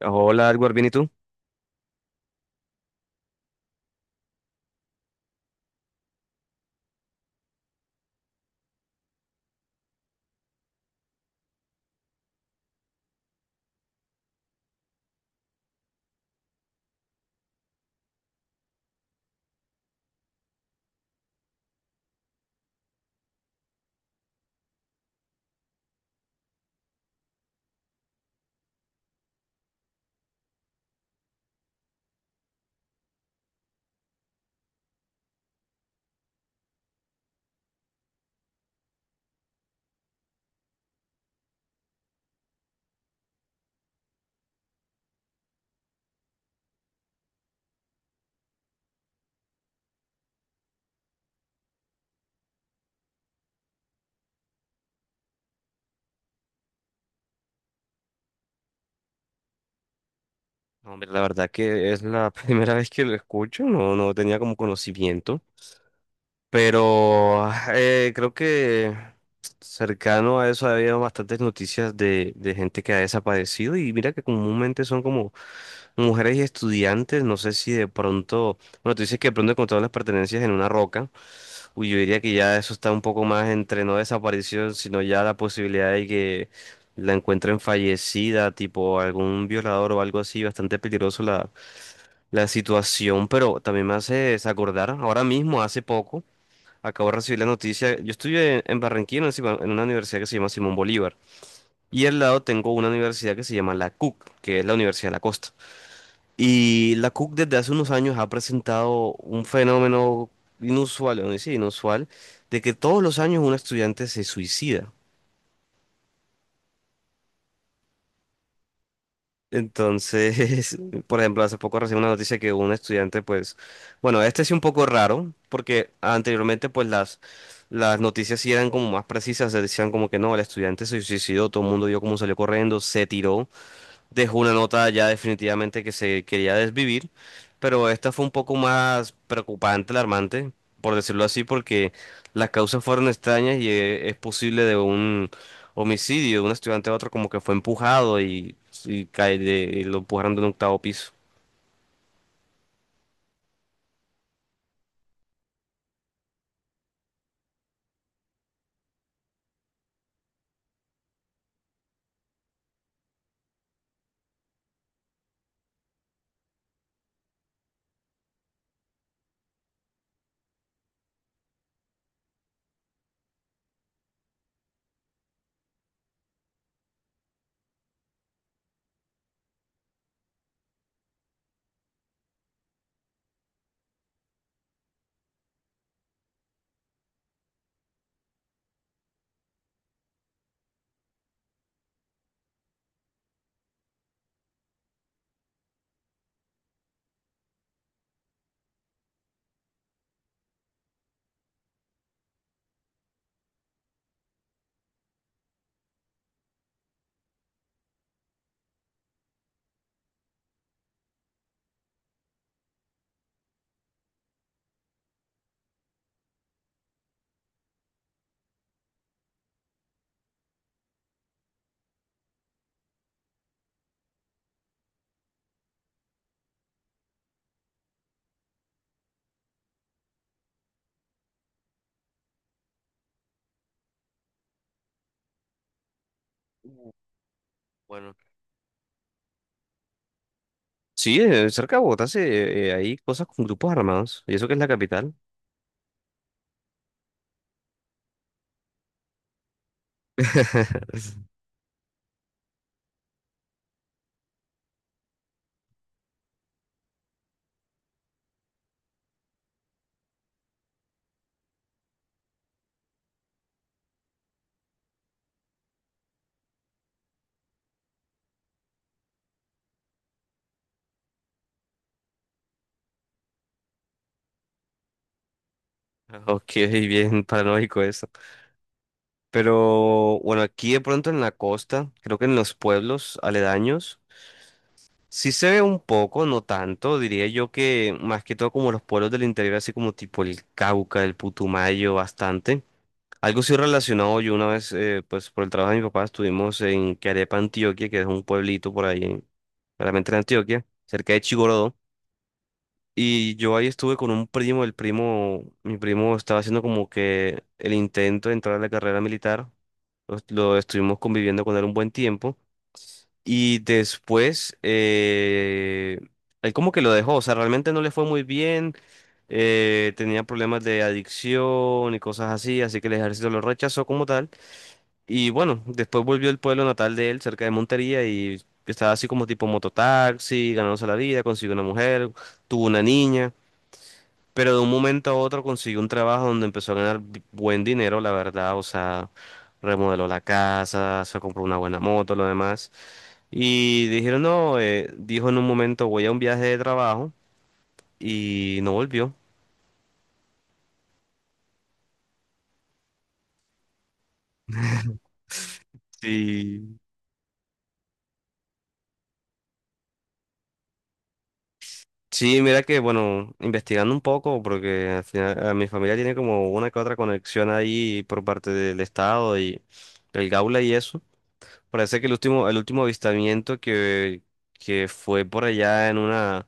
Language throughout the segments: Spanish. Hola, Edward, ¿bien y tú? No, hombre, la verdad que es la primera vez que lo escucho. No, no tenía como conocimiento, pero creo que cercano a eso ha habido bastantes noticias de gente que ha desaparecido, y mira que comúnmente son como mujeres y estudiantes. No sé si de pronto, bueno, tú dices que de pronto encontraron las pertenencias en una roca. Uy, yo diría que ya eso está un poco más entre no desaparición, sino ya la posibilidad de que la encuentren fallecida, tipo algún violador o algo así. Bastante peligroso la situación, pero también me hace desacordar, ahora mismo, hace poco, acabo de recibir la noticia. Yo estudié en Barranquilla, en una en una universidad que se llama Simón Bolívar, y al lado tengo una universidad que se llama la CUC, que es la Universidad de la Costa. Y la Cook desde hace unos años ha presentado un fenómeno inusual, o no sí, inusual, de que todos los años un estudiante se suicida. Entonces, por ejemplo, hace poco recibí una noticia que un estudiante, pues, bueno, este sí un poco raro, porque anteriormente, pues, las noticias sí eran como más precisas, decían como que no, el estudiante se suicidó, todo el mundo vio cómo salió corriendo, se tiró. Dejó una nota ya definitivamente que se quería desvivir, pero esta fue un poco más preocupante, alarmante, por decirlo así, porque las causas fueron extrañas. Y es posible de un homicidio de un estudiante a otro, como que fue empujado y y lo empujaron de un octavo piso. Uh, Bueno. Sí, cerca de Bogotá sí, hay cosas con grupos armados, y eso que es la capital. Ok, bien paranoico eso. Pero bueno, aquí de pronto en la costa, creo que en los pueblos aledaños, sí se ve un poco, no tanto, diría yo que más que todo como los pueblos del interior, así como tipo el Cauca, el Putumayo, bastante. Algo sí relacionado. Yo una vez, pues por el trabajo de mi papá, estuvimos en Carepa, Antioquia, que es un pueblito por ahí, claramente en Antioquia, cerca de Chigorodó. Y yo ahí estuve con un primo, el primo, mi primo estaba haciendo como que el intento de entrar a la carrera militar. Lo estuvimos conviviendo con él un buen tiempo. Y después, él como que lo dejó. O sea, realmente no le fue muy bien. Tenía problemas de adicción y cosas así, así que el ejército lo rechazó como tal. Y bueno, después volvió al pueblo natal de él, cerca de Montería. Y estaba así como tipo mototaxi, ganándose la vida, consiguió una mujer, tuvo una niña. Pero de un momento a otro consiguió un trabajo donde empezó a ganar buen dinero, la verdad. O sea, remodeló la casa, se compró una buena moto, lo demás. Y dijeron, no, dijo en un momento, voy a un viaje de trabajo y no volvió. Sí. Sí, mira que, bueno, investigando un poco, porque al final, a mi familia tiene como una que otra conexión ahí por parte del Estado y el Gaula y eso. Parece que el último avistamiento que fue por allá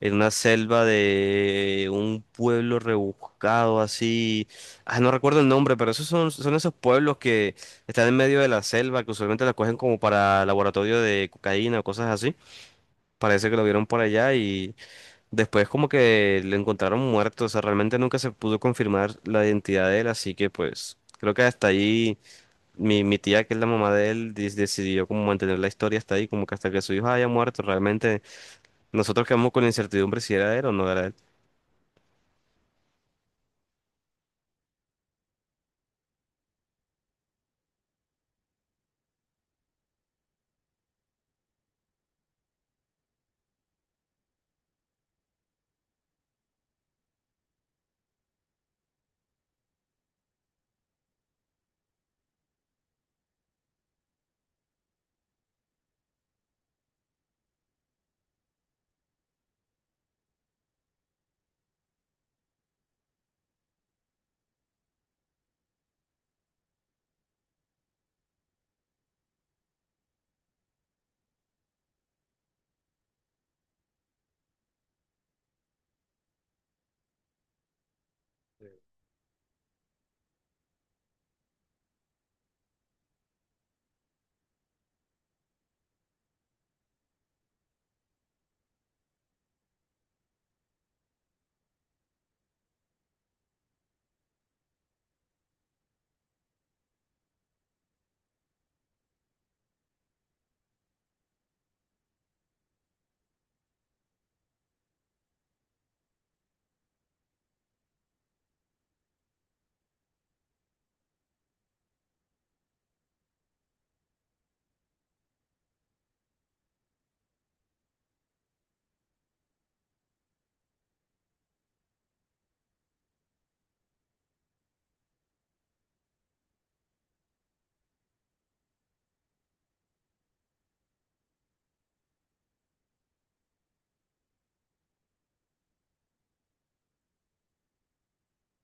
en una selva de un pueblo rebuscado así. Ah, no recuerdo el nombre, pero esos son esos pueblos que están en medio de la selva, que usualmente la cogen como para laboratorio de cocaína o cosas así. Parece que lo vieron por allá y después como que lo encontraron muerto. O sea, realmente nunca se pudo confirmar la identidad de él, así que pues creo que hasta ahí. Mi tía, que es la mamá de él, decidió como mantener la historia hasta ahí, como que hasta que su hijo haya muerto. Realmente nosotros quedamos con la incertidumbre si era él o no era él.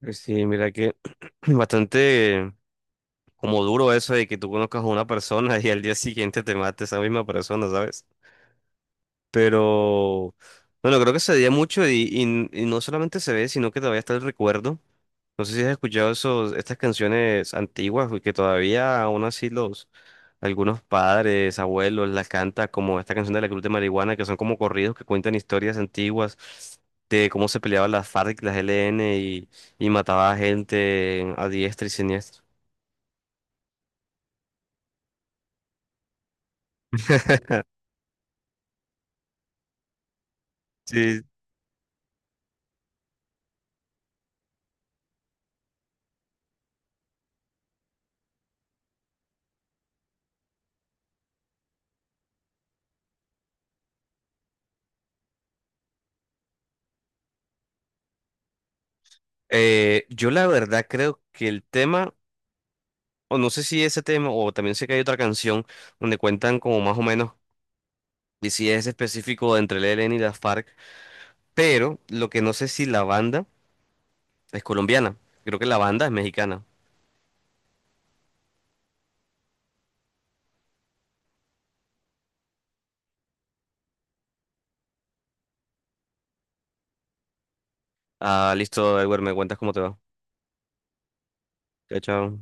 Pues sí, mira que bastante como duro eso de que tú conozcas a una persona y al día siguiente te mate esa misma persona, ¿sabes? Pero bueno, creo que se veía mucho, y no solamente se ve, sino que todavía está el recuerdo. No sé si has escuchado esos, estas canciones antiguas, güey, que todavía aún así los algunos padres, abuelos las cantan, como esta canción de la Cruz de Marihuana, que son como corridos que cuentan historias antiguas de cómo se peleaban las FARC, las LN y mataba a gente a diestra y siniestra. Sí. Yo la verdad creo que el tema, o no sé si ese tema, o también sé que hay otra canción donde cuentan como más o menos, y si es específico entre el ELN y las FARC. Pero lo que no sé si la banda es colombiana. Creo que la banda es mexicana. Ah, listo, Edward, me cuentas cómo te va. Chao, chao.